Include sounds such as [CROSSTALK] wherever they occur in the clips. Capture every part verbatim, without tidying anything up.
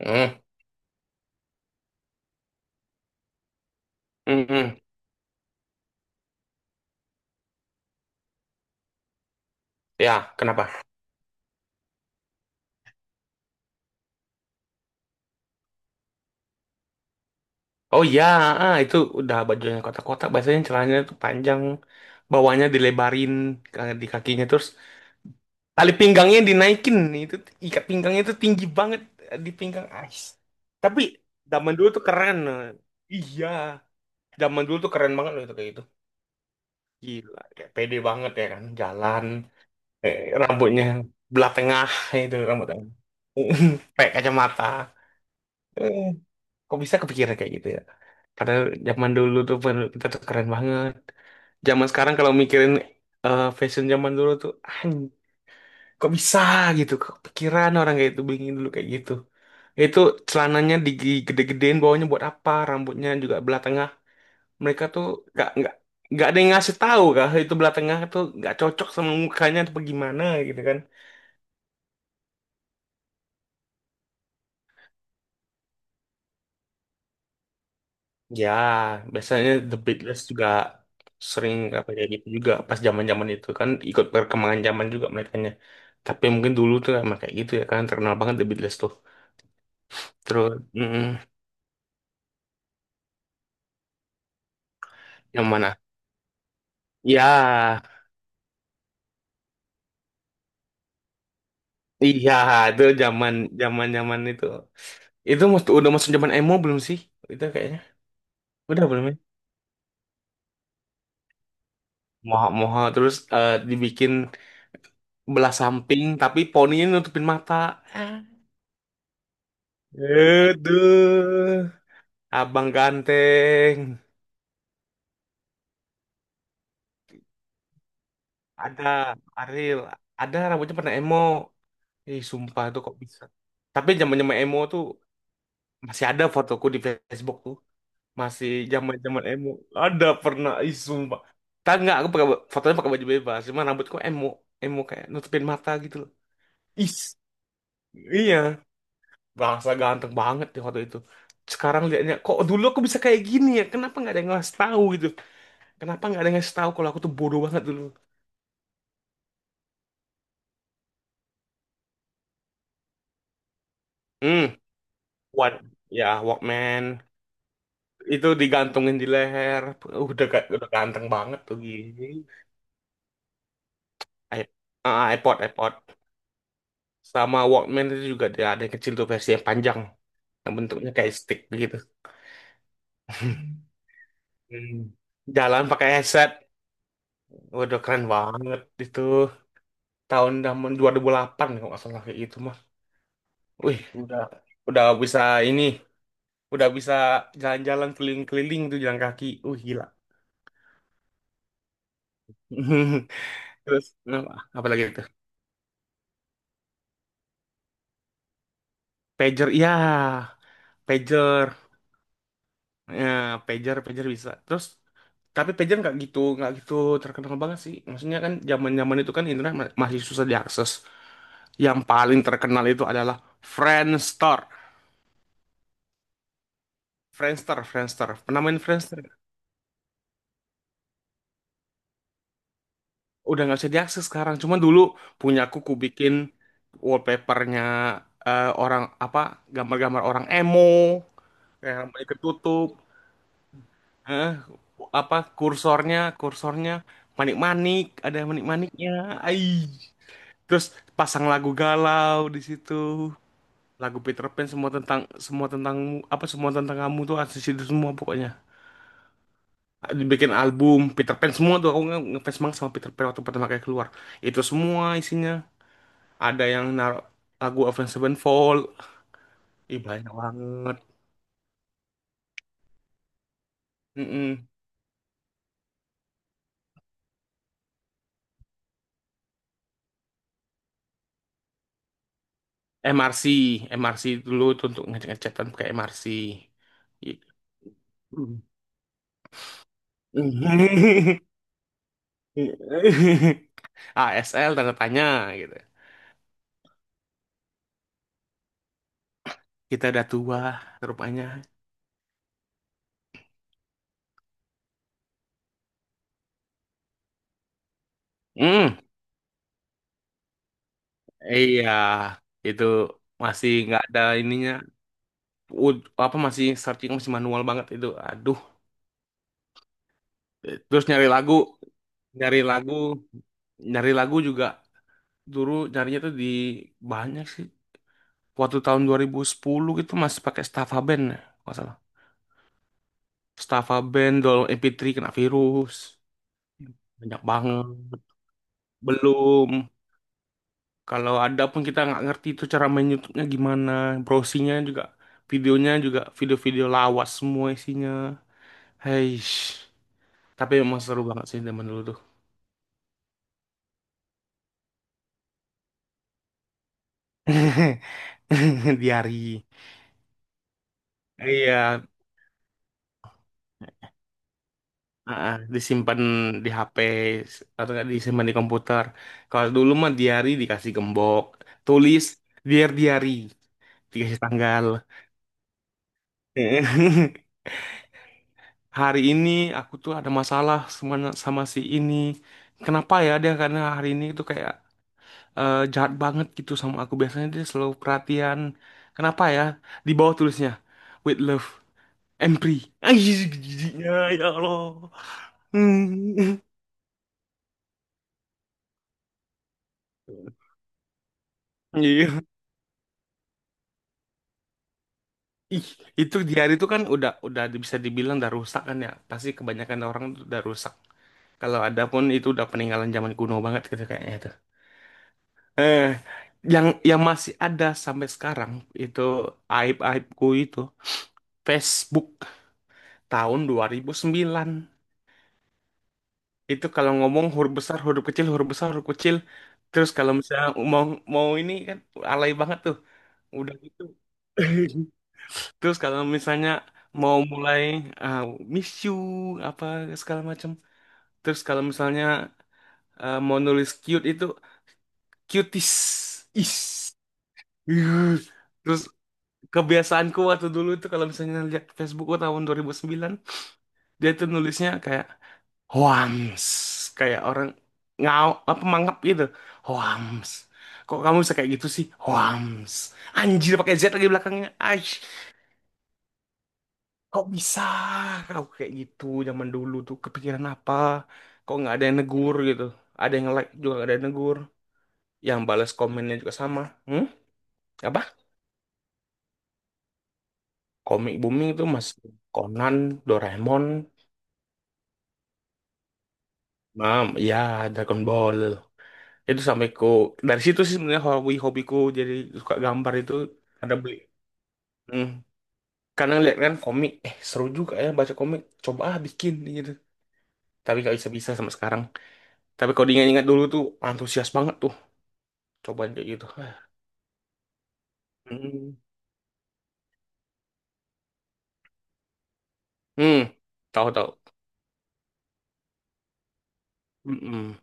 Hmm, hmm, hmm. Ya, kenapa? Oh iya, ah, itu udah bajunya kotak-kotak. Biasanya celananya tuh panjang, bawahnya dilebarin ke- di kakinya terus tali pinggangnya dinaikin. Itu ikat pinggangnya tuh tinggi banget eh, di pinggang Ais. Tapi zaman dulu tuh keren. eh. Iya, zaman dulu tuh keren banget loh itu kayak gitu. Gila, kayak pede banget ya kan, jalan, eh, rambutnya belah tengah itu rambutnya, [LAUGHS] pakai kacamata. Eh. Kok bisa kepikiran kayak gitu ya? Padahal zaman dulu tuh pen- kita tuh keren banget. Zaman sekarang kalau mikirin eh, fashion zaman dulu tuh, anj, kok bisa gitu? Kok kepikiran orang kayak itu bikin dulu kayak gitu? Itu celananya digede-gedein bawahnya buat apa? Rambutnya juga belah tengah. Mereka tuh nggak nggak nggak ada yang ngasih tahu kah itu belah tengah tuh nggak cocok sama mukanya atau gimana gitu kan? Ya, biasanya The Beatles juga sering apa ya gitu juga pas zaman-zaman itu kan ikut perkembangan zaman juga merekanya. Tapi mungkin dulu tuh emang kayak gitu ya kan terkenal banget The Beatles tuh. Terus mm, yang mana? Ya, iya itu zaman zaman zaman itu. Itu mas- udah masuk zaman emo belum sih? Itu kayaknya. Udah belum ya? Moha-moha terus eh, dibikin belah samping tapi poninya nutupin mata. Ah. Aduh, abang ganteng. Ada Ariel, ada rambutnya pernah emo. Ih, sumpah itu kok bisa. Tapi zaman-zaman emo tuh masih ada fotoku di Facebook tuh. Masih zaman-zaman emo. Ada pernah, ih sumpah. Tak nggak, aku pakai fotonya pakai baju bebas, cuma rambutku emo, emo kayak nutupin mata gitu loh. Is, iya, bahasa ganteng banget di foto itu. Sekarang liatnya, kok dulu aku bisa kayak gini ya? Kenapa nggak ada yang ngasih tahu gitu? Kenapa nggak ada yang ngasih tahu kalau aku tuh bodoh banget dulu? Hmm, what? Ya, Walkman. Itu digantungin di leher udah ga- udah ganteng banget tuh gini I- ah, ah, iPod iPod sama Walkman itu juga dia ada yang kecil tuh versi yang panjang yang bentuknya kayak stick begitu. [LAUGHS] Hmm. Jalan pakai headset udah keren banget itu tahun zaman dua ribu delapan kalau nggak salah kayak gitu mah wih udah udah bisa ini udah bisa jalan-jalan keliling-keliling tuh jalan kaki uh gila. [LAUGHS] Terus apa apa lagi itu pager iya pager ya pager pager bisa terus tapi pager nggak gitu nggak gitu terkenal banget sih maksudnya kan zaman zaman itu kan internet ma- masih susah diakses yang paling terkenal itu adalah Friendster. Friendster Friendster pernah main Friendster udah nggak bisa diakses sekarang cuma dulu punya aku ku bikin wallpapernya eh, orang apa gambar-gambar orang emo kayak balik ketutup eh, apa kursornya kursornya manik-manik ada manik-maniknya ai. Terus pasang lagu galau di situ, lagu Peter Pan semua tentang semua tentang apa semua tentang kamu tuh ada di situ semua pokoknya. Dibikin album Peter Pan semua tuh aku nge- ngefans banget sama Peter Pan waktu pertama kali keluar. Itu semua isinya. Ada yang naruh lagu Avenged Sevenfold, ih banyak banget. Mm-mm. M R C, M R C dulu tuh untuk ngecek-ngecekan pakai M R C. Gitu. [LAUGHS] A S L tanda tanya gitu. Kita udah tua rupanya. Hmm, iya, itu masih nggak ada ininya. U- apa masih searching masih manual banget itu. Aduh, terus nyari lagu, nyari lagu, nyari lagu juga dulu nyarinya tuh di banyak sih. Waktu tahun dua ribu sepuluh gitu masih pakai Staffa Band, ya, nggak salah. Staffa Band, Dol M P tiga kena virus, banyak banget. Belum. Kalau ada pun kita nggak ngerti itu cara main YouTube-nya gimana, browsingnya juga, videonya juga video-video lawas semua isinya. Hei, tapi emang seru banget sih zaman dulu tuh. [LAUGHS] Diari. Iya, ah, ah, disimpan di H P s- atau nggak disimpan di komputer. Kalau dulu mah diari dikasih gembok, tulis biar diari, dikasih tanggal. [LAUGHS] Hari ini aku tuh ada masalah sama, sama si ini. Kenapa ya dia karena hari ini tuh kayak eh, jahat banget gitu sama aku. Biasanya dia selalu perhatian. Kenapa ya? Di bawah tulisnya, with love. Empri. Anjir, giginya ya Allah. Hmm. Iya. Ih, itu di hari itu kan udah udah bisa dibilang udah rusak kan ya. Pasti kebanyakan orang tuh udah rusak. Kalau ada pun itu udah peninggalan zaman kuno banget gitu kayaknya tuh. Eh, yang yang masih ada sampai sekarang itu aib-aibku itu Facebook tahun dua ribu sembilan. Itu kalau ngomong huruf besar, huruf kecil, huruf besar, huruf kecil. Terus kalau misalnya mau mau ini kan alay banget tuh. Udah gitu. [LAUGHS] Terus kalau misalnya mau mulai ah, miss you apa segala macam. Terus kalau misalnya ah, mau nulis cute itu cuties. Is. Ih. Terus kebiasaanku waktu dulu itu kalau misalnya lihat Facebookku tahun dua ribu sembilan, dia tuh nulisnya kayak hoams, kayak orang ngau apa mangap gitu. Hoams. Kok kamu bisa kayak gitu sih? Hoams. Anjir pakai Z lagi belakangnya. Ay. Kok bisa kau kayak gitu zaman dulu tuh kepikiran apa? Kok nggak ada yang negur gitu? Ada yang like juga nggak ada yang negur. Yang balas komennya juga sama. Hmm? Apa? Komik booming itu masih Conan, Doraemon, Mam, ya Dragon Ball. Itu sampai ku dari situ sih sebenarnya hobi-hobiku jadi suka gambar itu ada beli. Hmm. Karena lihat kan komik, eh seru juga ya baca komik. Coba ah bikin gitu. Tapi nggak bisa-bisa sama sekarang. Tapi kalau diingat-ingat dulu tuh antusias banget tuh coba kayak gitu. Hmm, hmm, tahu tahu. Mm-mm.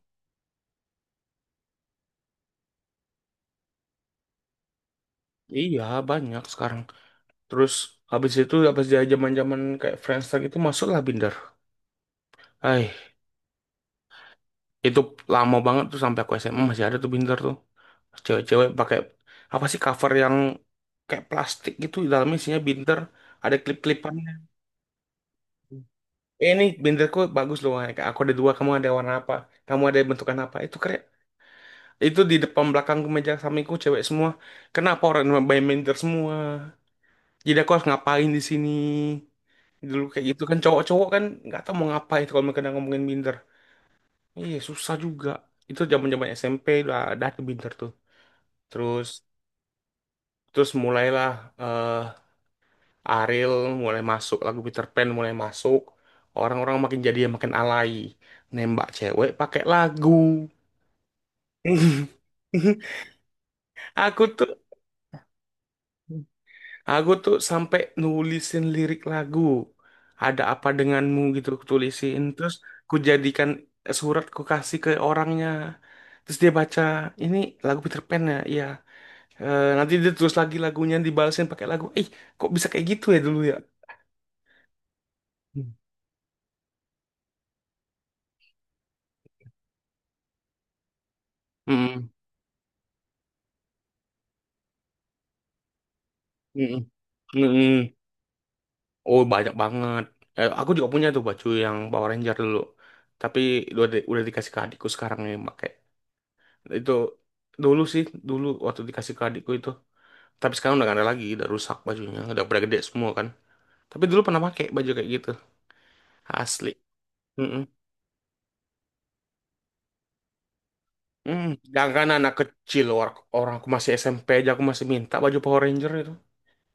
Iya banyak sekarang. Terus habis itu habis dia zaman-zaman kayak Friendster itu masuklah Binder. Ay, itu lama banget tuh sampai aku S M A masih ada tuh Binder tuh. Cewek-cewek pakai apa sih cover yang kayak plastik gitu dalamnya isinya Binder, ada klip-klipannya. Eh, ini binderku bagus loh Wan. Aku ada dua, kamu ada warna apa? Kamu ada bentukan apa? Itu keren. Itu di depan belakang meja sampingku cewek semua. Kenapa orang main binder semua? Jadi aku harus ngapain di sini? Dulu kayak gitu kan cowok-cowok kan nggak tahu mau ngapain kalau mereka udah ngomongin binder. Iya susah juga. Itu zaman-zaman S M P udah ada tuh binder tuh. Terus terus mulailah eh Ariel mulai masuk lagu Peter Pan mulai masuk. Orang-orang makin jadi yang makin alay. Nembak cewek pakai lagu. [LAUGHS] Aku tuh Aku tuh sampai nulisin lirik lagu. Ada apa denganmu gitu aku tulisin. Terus ku jadikan surat ku kasih ke orangnya. Terus dia baca, ini lagu Peter Pan ya? Iya. Eh, nanti dia terus lagi lagunya dibalesin pakai lagu. Eh, kok bisa kayak gitu ya dulu ya? Hmm. Hmm. Hmm. Hmm. Hmm, hmm. Oh, banyak banget. Eh, aku juga punya tuh baju yang Power Ranger dulu. Tapi udah, di- udah dikasih ke adikku sekarang yang pakai. Itu dulu sih, dulu waktu dikasih ke adikku itu. Tapi sekarang udah gak ada lagi, udah rusak bajunya, udah pada gede semua kan. Tapi dulu pernah pakai baju kayak gitu, asli. Mm-mm. Mm. Jangan kan anak kecil, orang, orang aku masih S M P aja aku masih minta baju Power Ranger itu.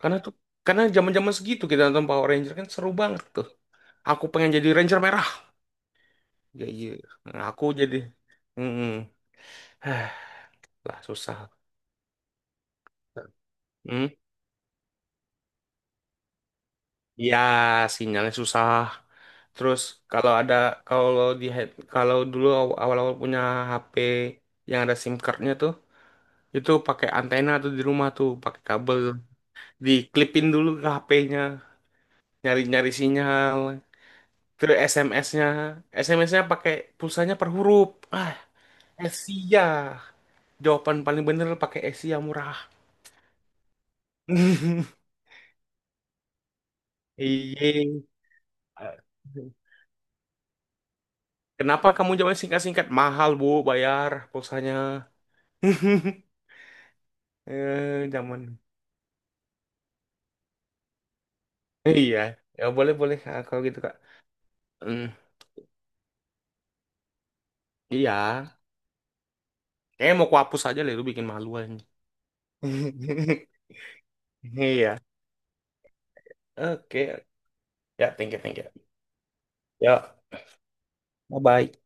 Karena tuh, karena zaman-zaman segitu kita nonton Power Ranger kan seru banget tuh. Aku pengen jadi Ranger merah. Ya iya, nah, aku jadi, mm [SIGHS] Lah susah. Hmm? Ya, sinyalnya susah. Terus kalau ada kalau di head- kalau dulu aw- awal-awal punya H P yang ada SIM cardnya tuh, itu pakai antena tuh di rumah tuh, pakai kabel, diklipin dulu ke H P-nya, nyari-nyari sinyal. Terus S M S-nya, S M S-nya pakai pulsanya per huruf. Ah, Asia. Jawaban paling bener pakai Asia murah. [LAUGHS] Iya. Kenapa kamu jawab singkat-singkat? Mahal, Bu, bayar pulsanya. [LAUGHS] eh zaman. Iya. Ya boleh boleh Kak, kalau gitu Kak. Hmm, iya. Kayaknya mau kuhapus aja deh lu bikin malu aja. [LAUGHS] Iya. Oke. Ya, thank you, thank you. Ya, bye-bye.